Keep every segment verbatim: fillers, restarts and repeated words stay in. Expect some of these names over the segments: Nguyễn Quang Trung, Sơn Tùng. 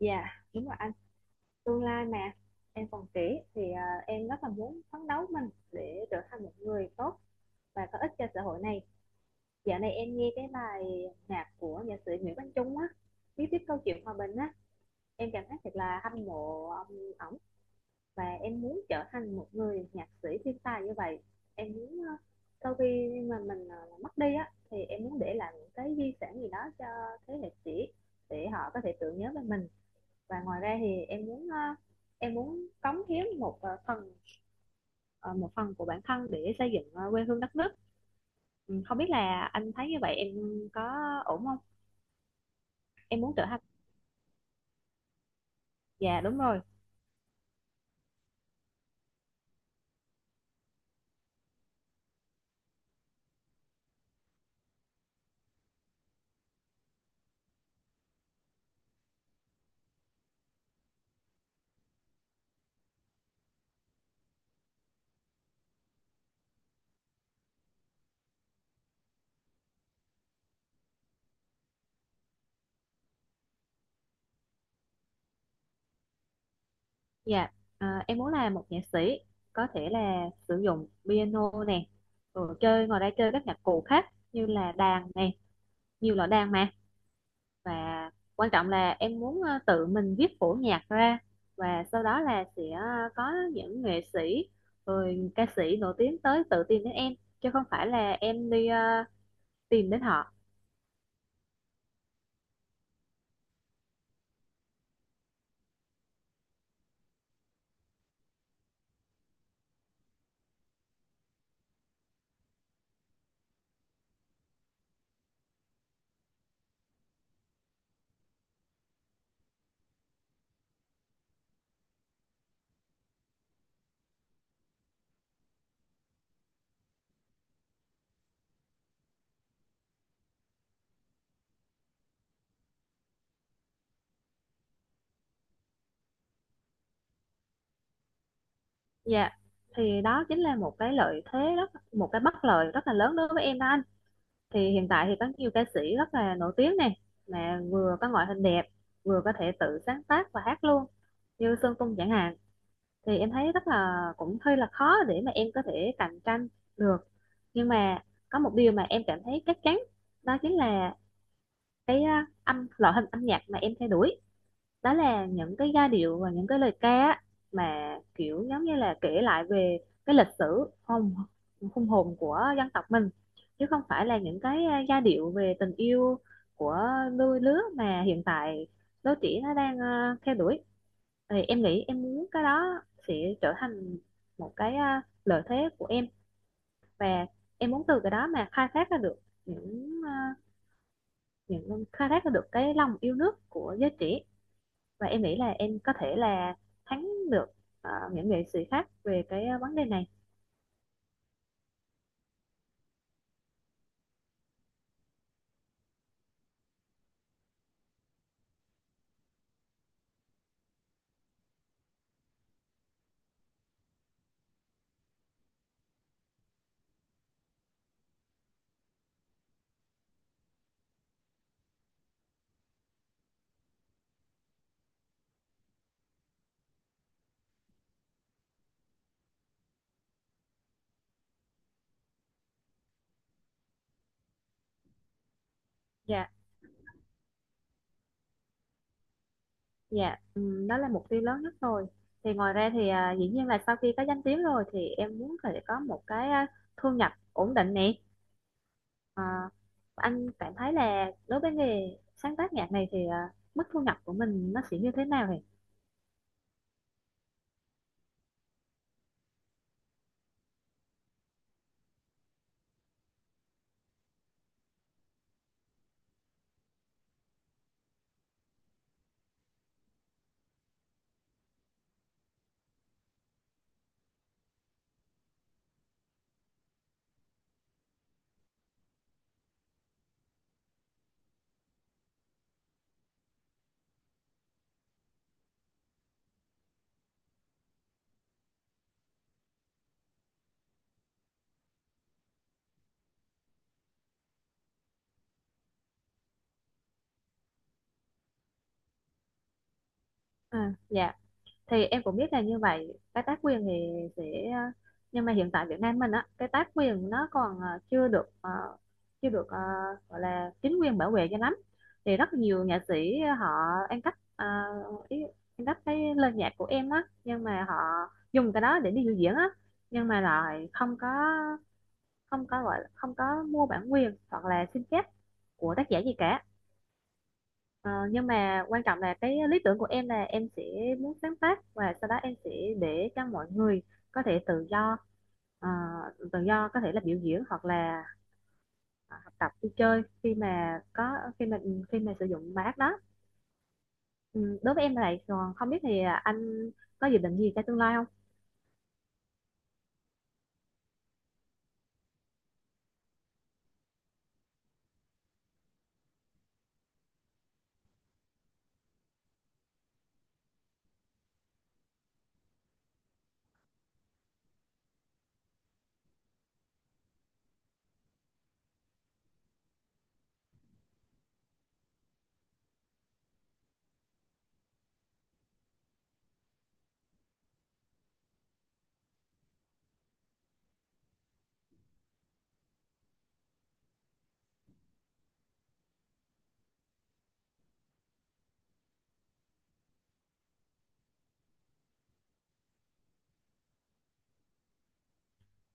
Dạ, đúng rồi anh. Tương lai mà em còn trẻ thì à, em rất là muốn phấn đấu mình để trở thành một người tốt và có ích cho xã hội này. Dạo này em nghe cái bài nhạc của nhạc sĩ Nguyễn Quang Trung á, viết tiếp câu chuyện hòa bình á, em cảm thấy thật là hâm mộ ông ổng và em muốn trở thành một người nhạc sĩ thiên tài như vậy. Em muốn à, sau khi mà mình à, mất đi á thì em muốn để lại những cái di sản gì đó cho thế hệ trẻ để họ có thể tưởng nhớ về mình, và ngoài ra thì em muốn ờ, em muốn cống hiến một ờ, phần, ờ, một phần của bản thân để xây dựng ờ, quê hương đất nước. Ừ, không biết là anh thấy như vậy em có ổn không. Em muốn trở thành, dạ đúng rồi. Dạ, à, em muốn là một nhạc sĩ, có thể là sử dụng piano nè, rồi chơi, ngoài ra chơi các nhạc cụ khác như là đàn nè, nhiều loại đàn mà. Và quan trọng là em muốn ờ, tự mình viết phổ nhạc ra, và sau đó là sẽ ờ, có những nghệ sĩ rồi ca sĩ nổi tiếng tới tự tìm đến em, chứ không phải là em đi ờ, tìm đến họ. Dạ, thì đó chính là một cái lợi thế rất, một cái bất lợi rất là lớn đối với em đó anh. Thì hiện tại thì có nhiều ca sĩ rất là nổi tiếng này, mà vừa có ngoại hình đẹp, vừa có thể tự sáng tác và hát luôn, như Sơn Tùng chẳng hạn. Thì em thấy rất là cũng hơi là khó để mà em có thể cạnh tranh được. Nhưng mà có một điều mà em cảm thấy chắc chắn, đó chính là cái à, âm, loại hình âm nhạc mà em theo đuổi, đó là những cái giai điệu và những cái lời ca á, mà kiểu giống như là kể lại về cái lịch sử hùng, hùng hồn của dân tộc mình, chứ không phải là những cái à, giai điệu về tình yêu của đôi lứa mà hiện tại đôi trẻ nó đang à, theo đuổi. Thì em nghĩ em muốn cái đó sẽ trở thành một cái à, lợi thế của em. Và em muốn từ cái đó mà khai thác ra được những ờ, những ờ, khai thác ra được cái lòng yêu nước của giới trẻ. Và em nghĩ là em có thể là thắng được ờ, những nghệ sĩ khác về cái ờ, vấn đề này. Dạ. Dạ, ừm, đó là mục tiêu lớn nhất rồi. Thì ngoài ra thì à, dĩ nhiên là sau khi có danh tiếng rồi thì em muốn phải có một cái à, thu nhập ổn định nè. Ờ, anh cảm thấy là đối với nghề sáng tác nhạc này thì à, mức thu nhập của mình nó sẽ như thế nào vậy? à, dạ, thì em cũng biết là như vậy. Cái tác quyền thì sẽ ờ, nhưng mà hiện tại Việt Nam mình á, cái tác quyền nó còn ờ, chưa được ờ, chưa được ờ, gọi là chính quyền bảo vệ cho lắm. Thì rất nhiều nghệ sĩ họ ăn cắp ờ, ý, ăn cắp cái lời nhạc của em á, nhưng mà họ dùng cái đó để đi biểu diễn á, nhưng mà lại không có, không có, gọi là không có mua bản quyền hoặc là xin phép của tác giả gì cả. Ờ, nhưng mà quan trọng là cái lý tưởng của em là em sẽ muốn sáng tác, và sau đó em sẽ để cho mọi người có thể tự do ờ, tự do có thể là biểu diễn, hoặc là ờ, học tập, đi chơi khi mà có, khi mà, khi mà sử dụng bài hát đó. Ừ, đối với em là vậy, còn không biết thì anh có dự định gì cho tương lai không?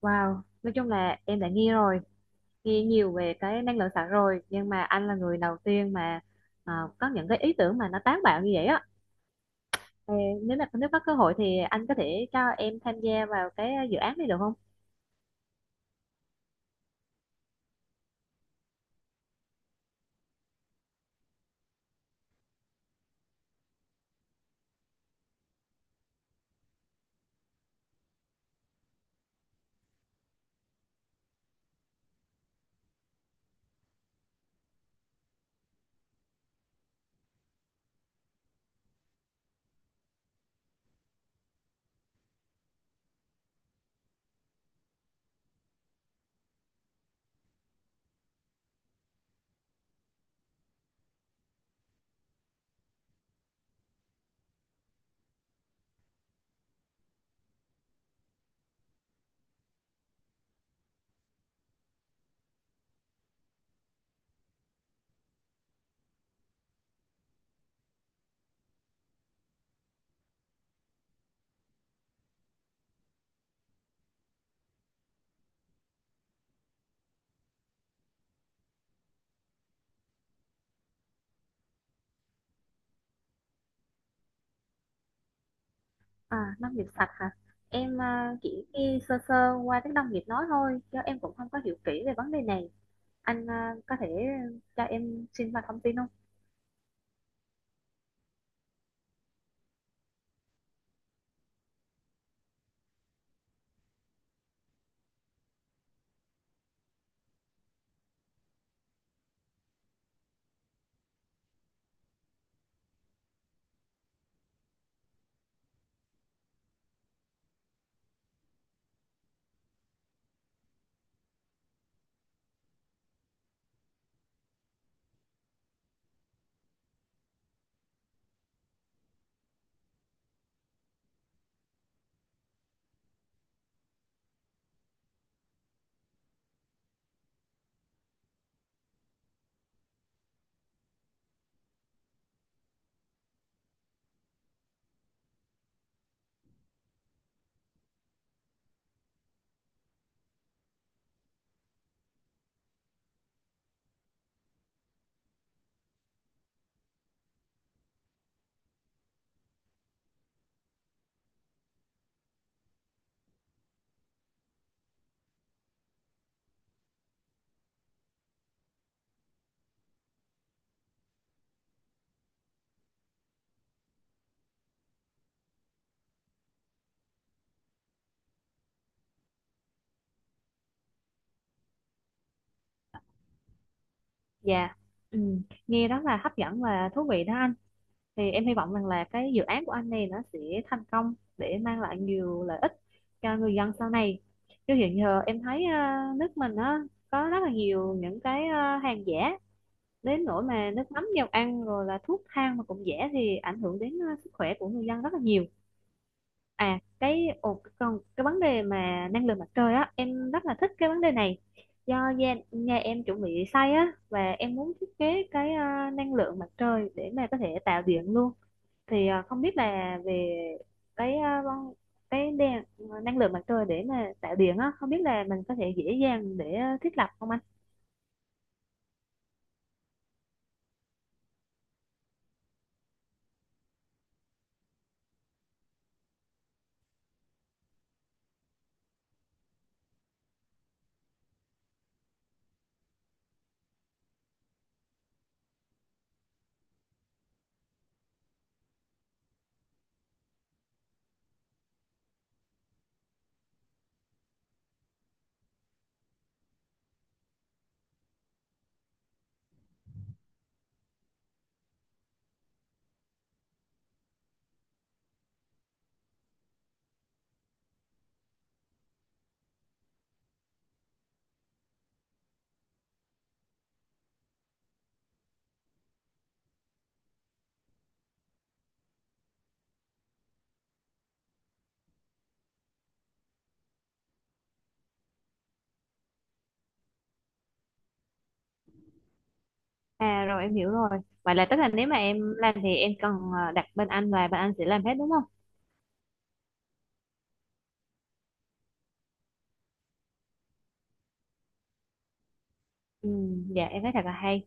Wow, nói chung là em đã nghe rồi, nghe nhiều về cái năng lượng sạch rồi, nhưng mà anh là người đầu tiên mà ờ, có những cái ý tưởng mà nó táo bạo như vậy á. Ờ, nếu mà nếu có cơ hội thì anh có thể cho em tham gia vào cái ờ, dự án này được không? À, nông nghiệp sạch hả? Em ờ, chỉ nghe sơ sơ qua tiếng nông nghiệp nói thôi, chứ em cũng không có hiểu kỹ về vấn đề này. Anh ờ, có thể cho em xin vào thông tin không? Dạ, ừ, nghe rất là hấp dẫn và thú vị đó anh. Thì em hy vọng rằng là cái dự án của anh này nó sẽ thành công để mang lại nhiều lợi ích cho người dân sau này. Chứ hiện giờ em thấy ờ, nước mình á, có rất là nhiều những cái ờ, hàng giả, đến nỗi mà nước mắm, dầu ăn, rồi là thuốc thang mà cũng rẻ, thì ảnh hưởng đến ờ, sức khỏe của người dân rất là nhiều. À, cái ồ, còn cái vấn đề mà năng lượng mặt trời á, em rất là thích cái vấn đề này. Do gia, nhà em chuẩn bị xây á, và em muốn thiết kế cái ờ, năng lượng mặt trời để mà có thể tạo điện luôn. Thì ờ, không biết là về cái ờ, vấn- cái đèn, năng lượng mặt trời để mà tạo điện á, không biết là mình có thể dễ dàng để ờ, thiết lập không anh? À rồi, em hiểu rồi. Vậy là tức là nếu mà em làm thì em cần ờ, đặt bên anh, và bên anh sẽ làm hết đúng không? Ừ, dạ em thấy thật là hay.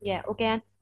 Dạ ok anh.